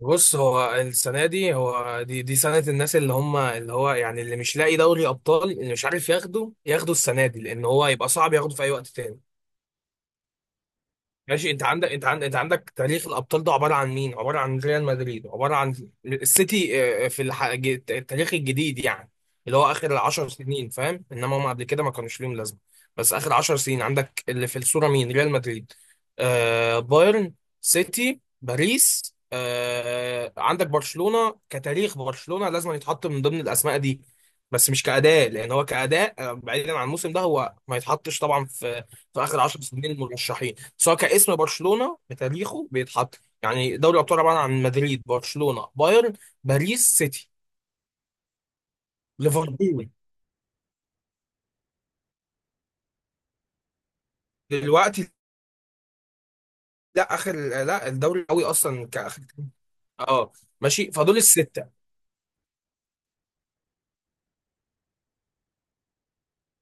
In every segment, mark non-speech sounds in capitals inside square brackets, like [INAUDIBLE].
بص هو السنه دي هو دي سنه الناس اللي هم اللي هو يعني اللي مش لاقي دوري ابطال اللي مش عارف ياخده السنه دي لان هو يبقى صعب ياخده في اي وقت تاني. ماشي، انت عندك تاريخ الابطال ده عباره عن مين؟ عباره عن ريال مدريد، عباره عن السيتي. في التاريخ الجديد يعني، اللي هو اخر 10 سنين، فاهم؟ انما هم قبل كده ما كانوش ليهم لازمه. بس اخر 10 سنين عندك اللي في الصوره مين؟ ريال مدريد، آه، بايرن، سيتي، باريس. آه، عندك برشلونه كتاريخ، برشلونه لازم يتحط من ضمن الاسماء دي، بس مش كأداء، لان هو كأداء آه، بعيدا عن الموسم ده هو ما يتحطش طبعا في اخر 10 سنين المرشحين، سواء كاسم برشلونه بتاريخه بيتحط. يعني دوري الابطال عباره عن مدريد، برشلونه، بايرن، باريس، سيتي، ليفربول دلوقتي. لا، اخر، لا، الدوري قوي اصلا كاخر. اه ماشي، فدول السته.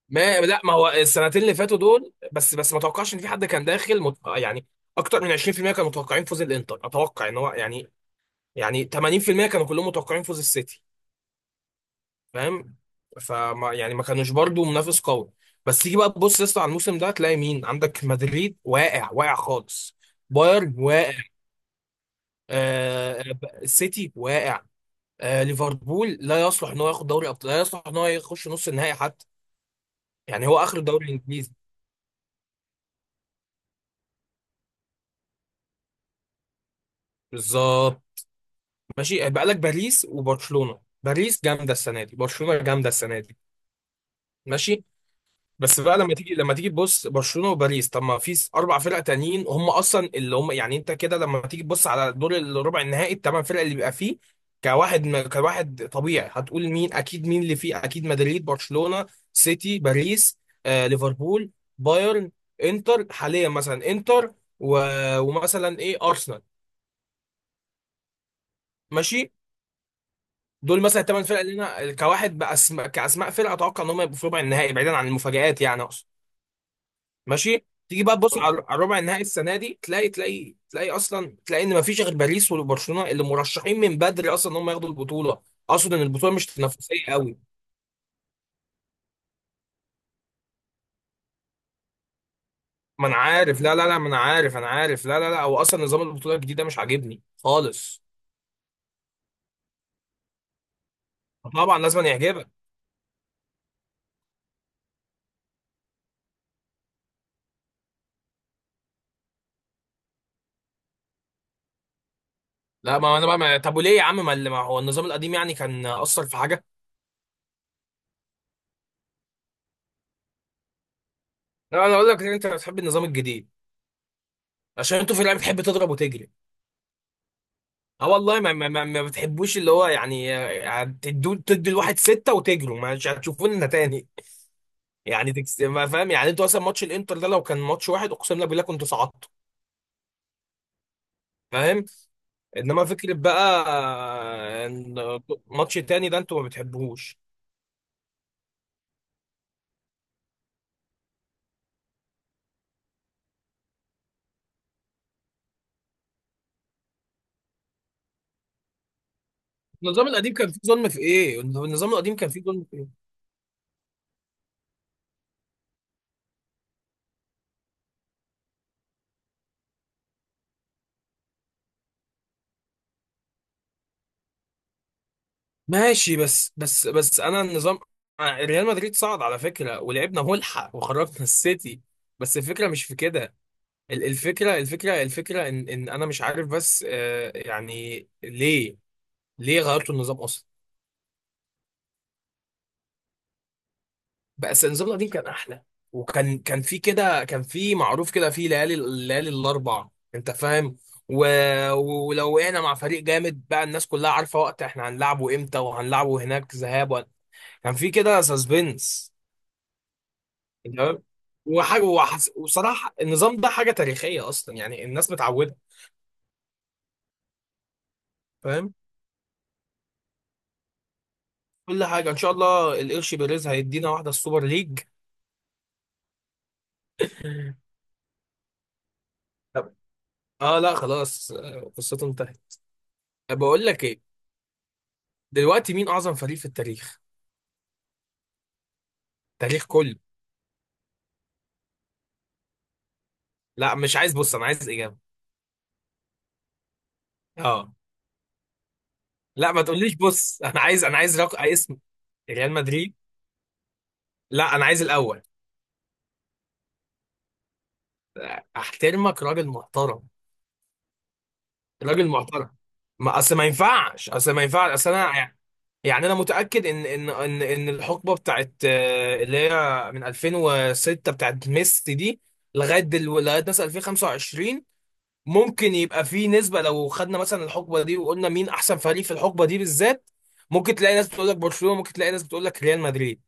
ما لا ما هو السنتين اللي فاتوا دول، بس ما توقعش ان في حد كان داخل يعني اكتر من 20% كانوا متوقعين فوز الانتر، اتوقع ان هو يعني، يعني 80% كانوا كلهم متوقعين فوز السيتي، فاهم؟ فما يعني ما كانوش برضو منافس قوي. بس تيجي بقى تبص يا اسطى على الموسم ده تلاقي مين؟ عندك مدريد واقع، واقع خالص، بايرن واقع، آه السيتي واقع، آه ليفربول لا يصلح ان هو ياخد دوري ابطال، لا يصلح ان هو يخش نص النهائي حتى. يعني هو اخر الدوري الانجليزي. بالظبط. ماشي، بقى لك باريس وبرشلونة. باريس جامده السنه دي، برشلونه جامده السنه دي، ماشي. بس بقى لما تيجي تبص برشلونه وباريس. طب ما في اربع فرق تانيين هم اصلا اللي هم يعني، انت كده لما تيجي تبص على دور الربع النهائي، الثمان فرق اللي بيبقى فيه، كواحد طبيعي، هتقول مين اكيد، مين اللي فيه اكيد؟ مدريد، برشلونه، سيتي، باريس، آه ليفربول، بايرن، انتر حاليا مثلا انتر، و... ومثلا ايه، ارسنال، ماشي. دول مثلا الثمان فرق اللي انا كواحد بأسماء كاسماء فرق اتوقع ان هم يبقوا في ربع النهائي بعيدا عن المفاجآت، يعني اقصد. ماشي، تيجي بقى تبص على على ربع النهائي السنه دي تلاقي تلاقي تلاقي اصلا، تلاقي ان مفيش غير باريس وبرشلونه اللي مرشحين من بدري اصلا ان هم ياخدوا البطوله. اقصد ان البطوله مش تنافسيه قوي. ما انا عارف، لا لا لا، ما انا عارف، انا عارف، لا لا لا، هو اصلا نظام البطوله الجديد ده مش عاجبني خالص. طبعا لازم أن يعجبك. لا، ما انا بقى ما... طب وليه يا عم، ما هو النظام القديم يعني كان اثر في حاجه؟ لا، انا اقول لك إن انت بتحب النظام الجديد عشان انتوا في اللعبه بتحب تضرب وتجري. اه والله، ما بتحبوش اللي هو يعني، آه، تدوا تدي الواحد ستة وتجروا مش هتشوفونا تاني. [LAUGHS] يعني ما فاهم، يعني انتوا مثلا ماتش الانتر ده لو كان ماتش واحد اقسم لك بالله كنت صعدت، فاهم. انما فكرة بقى آه، ان ماتش تاني ده انتوا ما بتحبوهوش. النظام القديم كان فيه ظلم في ايه؟ النظام القديم كان فيه ظلم في ايه؟ ماشي، بس انا النظام آه، ريال مدريد صعد على فكرة ولعبنا ملحق وخرجنا السيتي، بس الفكرة مش في كده. الفكرة إن أنا مش عارف بس آه، يعني ليه، ليه غيرتوا النظام أصلا؟ بس النظام القديم كان أحلى، وكان في كده، كان في معروف كده، في ليالي الليالي الأربع. أنت فاهم؟ و... ولو وقعنا مع فريق جامد بقى الناس كلها عارفة وقت إحنا هنلعبه إمتى وهنلعبه هناك ذهاب كان في كده سسبنس، تمام؟ وصراحة النظام ده حاجة تاريخية أصلا، يعني الناس متعودة، فاهم؟ كل حاجه ان شاء الله القرش بيريز هيدينا واحده السوبر ليج. طب، اه لا خلاص، آه، قصته انتهت. بقول لك ايه، دلوقتي مين اعظم فريق في التاريخ؟ التاريخ كله. لا مش عايز بص، انا عايز اجابه. اه، لا ما تقوليش بص، انا عايز، انا عايز اسم. ريال مدريد، لا انا عايز الاول. احترمك، راجل محترم، راجل محترم. ما اصل ما ينفعش، اصل ما ينفعش، اصل انا يعني انا متاكد ان الحقبه بتاعت آه، اللي هي من 2006 بتاعت ميسي دي، لغايه مثلا 2025، ممكن يبقى في نسبه لو خدنا مثلا الحقبه دي وقلنا مين احسن فريق في الحقبه دي بالذات، ممكن تلاقي ناس بتقول لك برشلونه، ممكن تلاقي ناس بتقول لك ريال مدريد.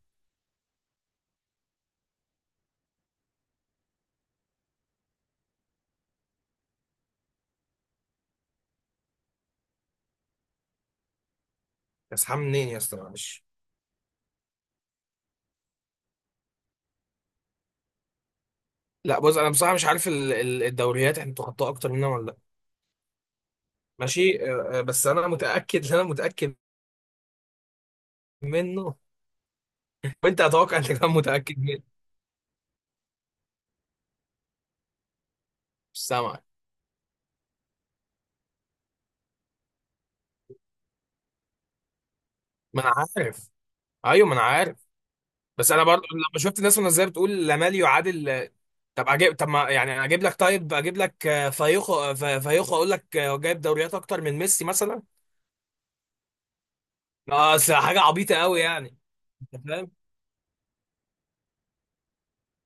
يا اسطى منين يا اسطى، معلش. لا بص، انا بصراحه مش عارف الدوريات احنا بتخطاها اكتر مننا ولا لا. ماشي آه، آه، بس انا متاكد، انا متاكد منه، وانت اتوقع انت كمان متاكد منه. مش سامعك. ما انا عارف، ايوه ما انا عارف. بس انا برضو لما شفت الناس وهي بتقول لامال يعادل، طب اجيب، طب ما يعني اجيب لك، طيب اجيب لك آه، فايخو آه، فايخو اقول لك آه، هو جايب دوريات اكتر من ميسي مثلا. اه اصل حاجه عبيطه قوي يعني، انت فاهم.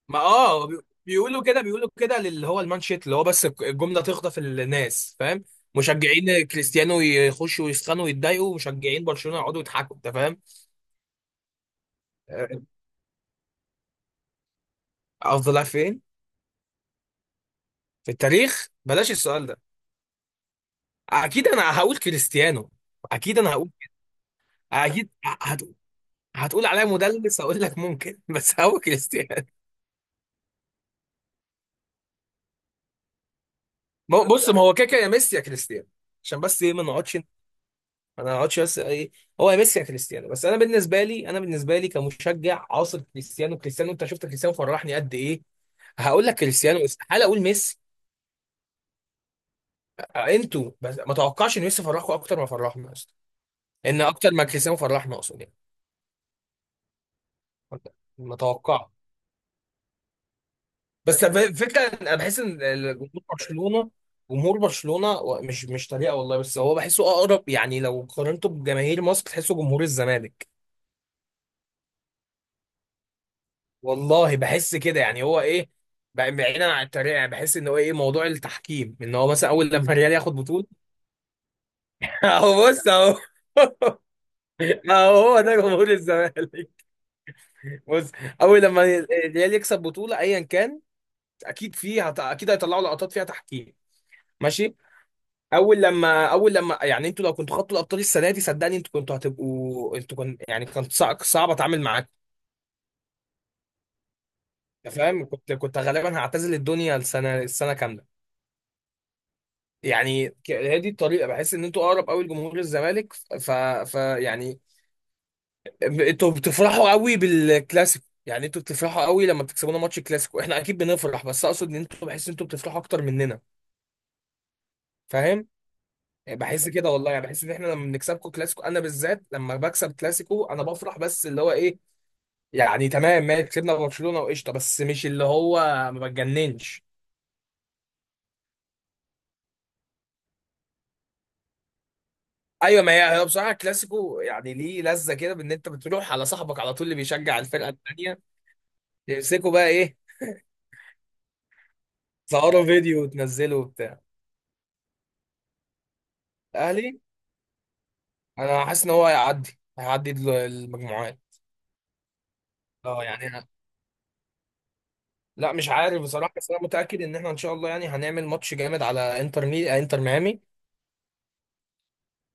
ما اه بيقولوا كده، بيقولوا كده للي هو المانشيت اللي هو، بس الجمله تخطف الناس، فاهم. مشجعين كريستيانو يخشوا ويسخنوا ويتضايقوا، ومشجعين برشلونه يقعدوا يضحكوا، انت فاهم. آه، افضل لاعب فين؟ في التاريخ بلاش السؤال ده. اكيد انا هقول كريستيانو، اكيد انا هقول، اكيد هت... هتقول عليا مدلس، هقول لك ممكن [LAUGHS] بس هو كريستيانو. ما هو- بص، ما هو كده كده يا ميسي يا كريستيانو، عشان بس ايه ما نقعدش، ما نقعدش، بس ايه. هو يا ميسي يا كريستيانو، بس انا بالنسبه لي، انا بالنسبه لي كمشجع عاصر كريستيانو، كريستيانو انت شفت كريستيانو فرحني قد ايه، هقول لك كريستيانو، استحاله اقول ميسي. انتوا بس ما توقعش ان ميسي فرحكم اكتر ما فرحنا اصلا، ان اكتر ما كريستيانو فرحنا اقصد يعني ما اتوقعش. بس فكره انا بحس ان جمهور برشلونه، جمهور برشلونه مش، مش طريقه والله، بس هو بحسه اقرب، يعني لو قارنته بجماهير مصر تحسه جمهور الزمالك. والله بحس كده، يعني هو ايه، بعيدا عن الطريقه، يعني بحس ان هو ايه موضوع التحكيم، ان هو مثلا اول لما الريال ياخد بطوله [LAUGHS] اهو بص اهو [LAUGHS] اهو هو ده جمهور الزمالك. بص، اول لما الريال يكسب بطوله ايا كان، اكيد فيه اكيد هيطلعوا لقطات فيها تحكيم، ماشي. اول لما يعني انتوا لو كنتوا خدتوا الابطال السنه دي صدقني انتوا كنتوا هتبقوا، انتوا كنت يعني، كان صعب، صعب اتعامل معاكم. أنت فاهم، كنت، كنت غالبا هعتزل الدنيا السنه، السنه كامله. يعني هي دي الطريقه، بحس ان انتوا اقرب قوي لجمهور الزمالك. ف, ف يعني، انتوا بتفرحوا قوي بالكلاسيكو، يعني انتوا بتفرحوا قوي لما بتكسبونا ماتش الكلاسيكو، احنا اكيد بنفرح بس اقصد ان انتوا، بحس ان انتوا بتفرحوا اكتر مننا، فاهم. بحس كده والله، يعني بحس ان احنا لما بنكسبكم كلاسيكو انا بالذات لما بكسب كلاسيكو انا بفرح، بس اللي هو ايه، يعني تمام ماشي كسبنا برشلونه وقشطه، بس مش اللي هو ما بتجننش. ايوه، ما هي بصراحه الكلاسيكو يعني ليه لذه كده، بان انت بتروح على صاحبك على طول اللي بيشجع الفرقه الثانيه تمسكه بقى ايه، تصوروا فيديو وتنزله وبتاع. الاهلي، انا حاسس ان هو هيعدي المجموعات. اه يعني أنا، لا مش عارف بصراحه، بس انا متاكد ان احنا ان شاء الله يعني هنعمل ماتش جامد على انتر آه، انتر ميامي،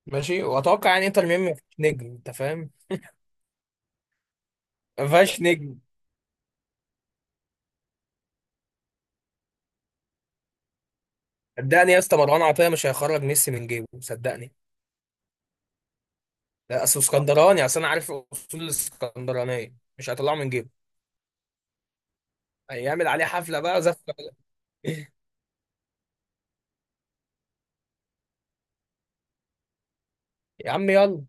ماشي. واتوقع يعني انتر ميامي ما فيهاش نجم، انت فاهم، ما فيهاش نجم. صدقني يا اسطى مروان عطيه مش هيخرج ميسي من جيبه، صدقني. لا اصل اسكندراني، اصل انا عارف اصول الاسكندرانيه مش هيطلعه من جيبه، هيعمل عليه حفله بقى زفه [LAUGHS] يا عم يلا.